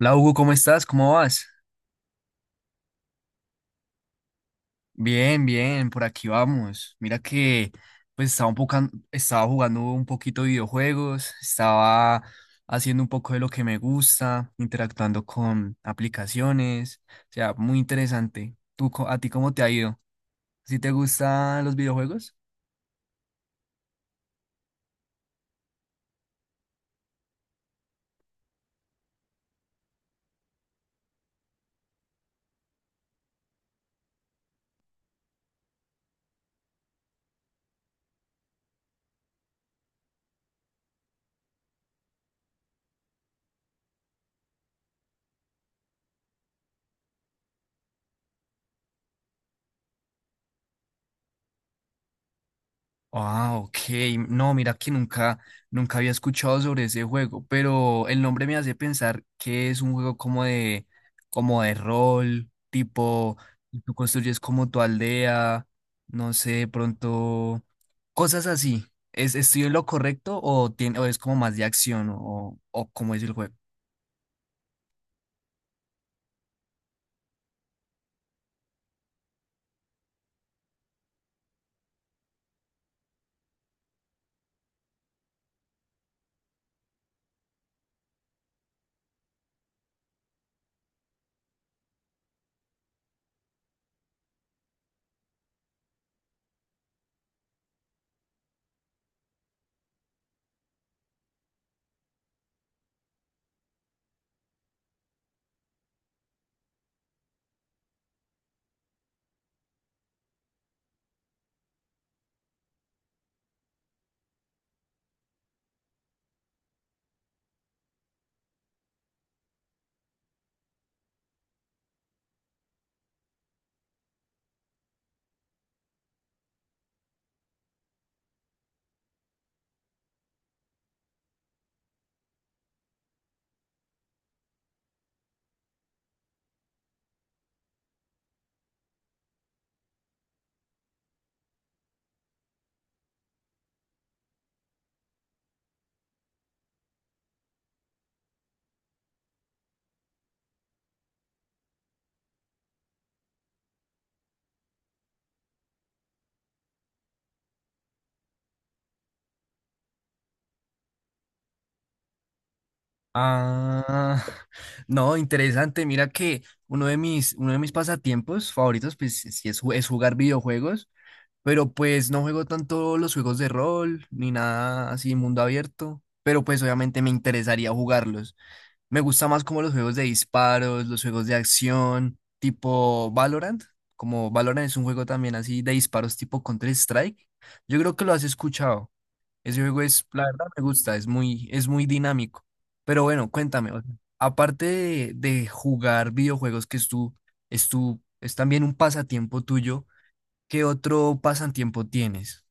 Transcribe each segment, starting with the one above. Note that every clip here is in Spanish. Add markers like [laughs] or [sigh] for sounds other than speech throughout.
Hola Hugo, ¿cómo estás? ¿Cómo vas? Bien, por aquí vamos. Mira que pues estaba un poco, estaba jugando un poquito de videojuegos, estaba haciendo un poco de lo que me gusta, interactuando con aplicaciones, o sea, muy interesante. ¿Tú, a ti cómo te ha ido? ¿Sí te gustan los videojuegos? Ah, ok. No, mira que nunca había escuchado sobre ese juego, pero el nombre me hace pensar que es un juego como de rol, tipo, tú construyes como tu aldea, no sé, de pronto, cosas así. Estoy en lo correcto o, tiene, o es como más de acción o cómo es el juego? Ah, [laughs] no, interesante. Mira que uno de mis pasatiempos favoritos, pues sí es jugar videojuegos. Pero pues no juego tanto los juegos de rol ni nada así mundo abierto. Pero pues obviamente me interesaría jugarlos. Me gusta más como los juegos de disparos, los juegos de acción, tipo Valorant. Como Valorant es un juego también así de disparos tipo Counter-Strike. Yo creo que lo has escuchado. Ese juego la verdad me gusta, es muy dinámico. Pero bueno, cuéntame, o sea, aparte de jugar videojuegos, es tu, es también un pasatiempo tuyo. ¿Qué otro pasatiempo tienes?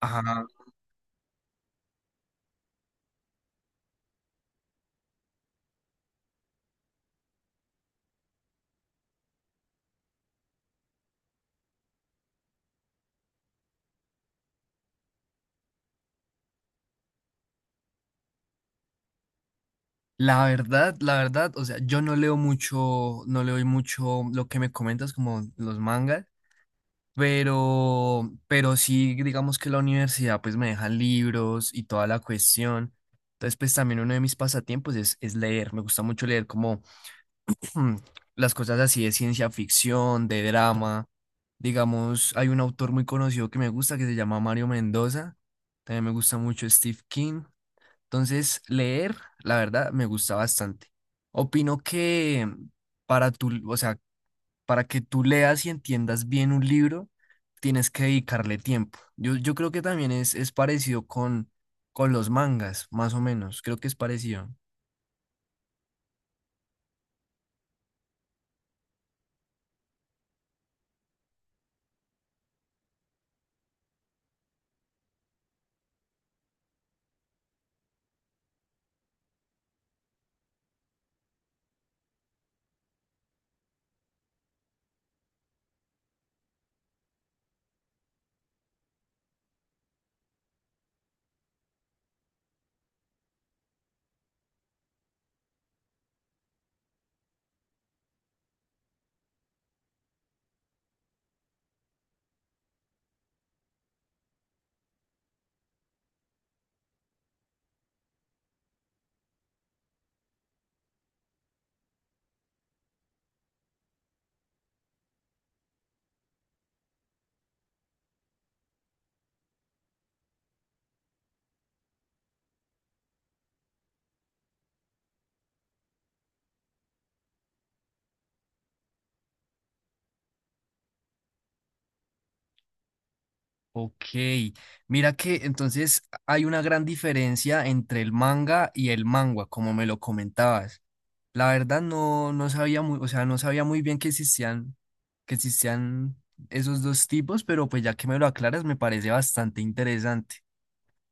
Ajá. La verdad, o sea, yo no leo mucho, no leo mucho lo que me comentas como los mangas, pero sí, digamos que la universidad pues me deja libros y toda la cuestión. Entonces, pues también uno de mis pasatiempos es leer. Me gusta mucho leer como [clears throat] mm, las cosas así de ciencia ficción, de drama. Digamos, hay un autor muy conocido que me gusta que se llama Mario Mendoza. También me gusta mucho Steve King. Entonces, leer, la verdad, me gusta bastante. Opino que o sea, para que tú leas y entiendas bien un libro, tienes que dedicarle tiempo. Yo creo que también es parecido con los mangas, más o menos. Creo que es parecido. Ok, mira que entonces hay una gran diferencia entre el manga y el mangua, como me lo comentabas. La verdad no sabía muy, o sea, no sabía muy bien que existían esos dos tipos, pero pues ya que me lo aclaras me parece bastante interesante.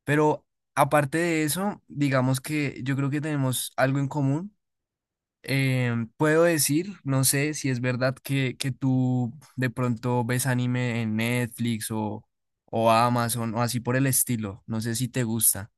Pero aparte de eso, digamos que yo creo que tenemos algo en común. Puedo decir, no sé si es verdad que tú de pronto ves anime en Netflix o Amazon o así por el estilo. No sé si te gusta.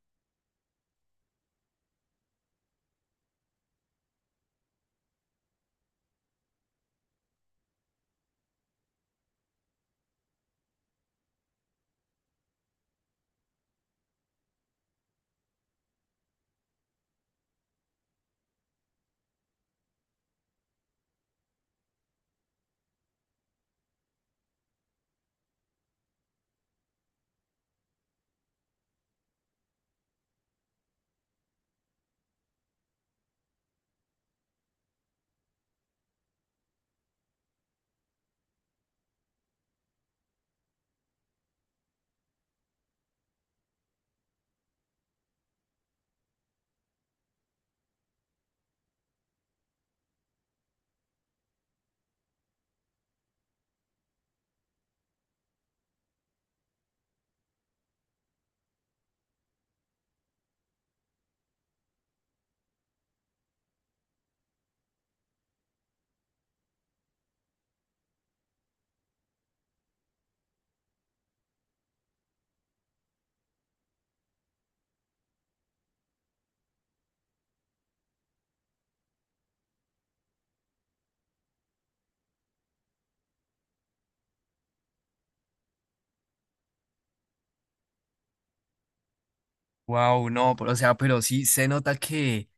Wow, no, pero, o sea, pero sí se nota que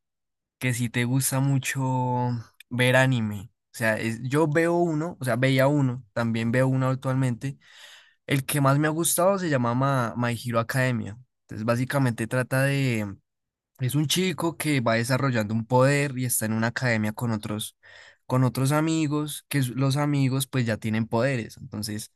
si te gusta mucho ver anime. O sea, yo veo uno, o sea, veía uno, también veo uno actualmente. El que más me ha gustado se llama My Hero Academia. Entonces, básicamente trata de... Es un chico que va desarrollando un poder y está en una academia con otros amigos, que los amigos pues ya tienen poderes. Entonces,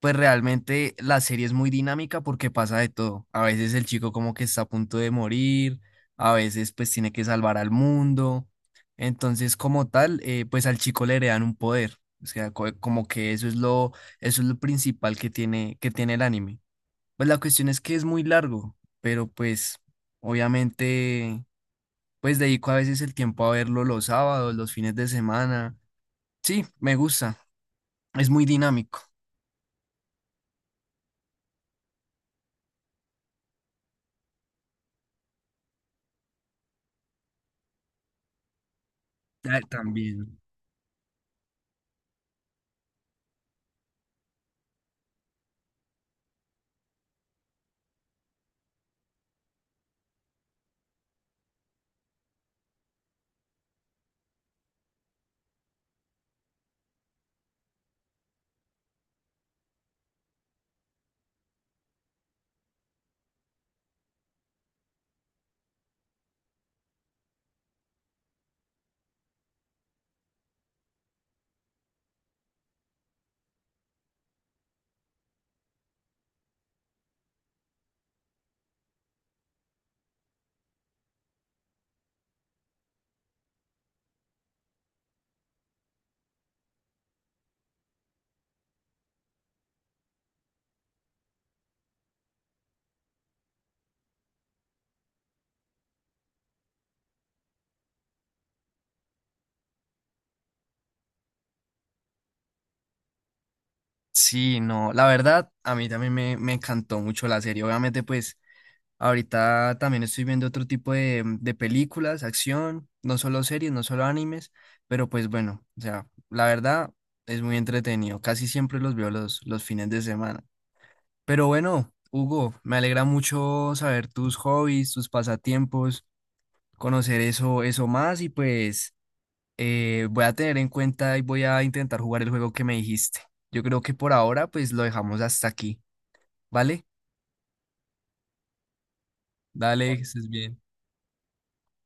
pues realmente la serie es muy dinámica porque pasa de todo. A veces el chico como que está a punto de morir, a veces pues tiene que salvar al mundo. Entonces, como tal, pues al chico le heredan un poder. O sea, como que eso es lo principal que tiene el anime. Pues la cuestión es que es muy largo, pero pues obviamente pues dedico a veces el tiempo a verlo los sábados, los fines de semana. Sí, me gusta, es muy dinámico. Ah, también. Sí, no, la verdad, a mí me encantó mucho la serie. Obviamente, pues ahorita también estoy viendo otro tipo de películas, acción, no solo series, no solo animes, pero pues bueno, o sea, la verdad es muy entretenido. Casi siempre los veo los fines de semana. Pero bueno, Hugo, me alegra mucho saber tus hobbies, tus pasatiempos, conocer eso más y pues... voy a tener en cuenta y voy a intentar jugar el juego que me dijiste. Yo creo que por ahora pues lo dejamos hasta aquí, ¿vale? Dale, que estés bien.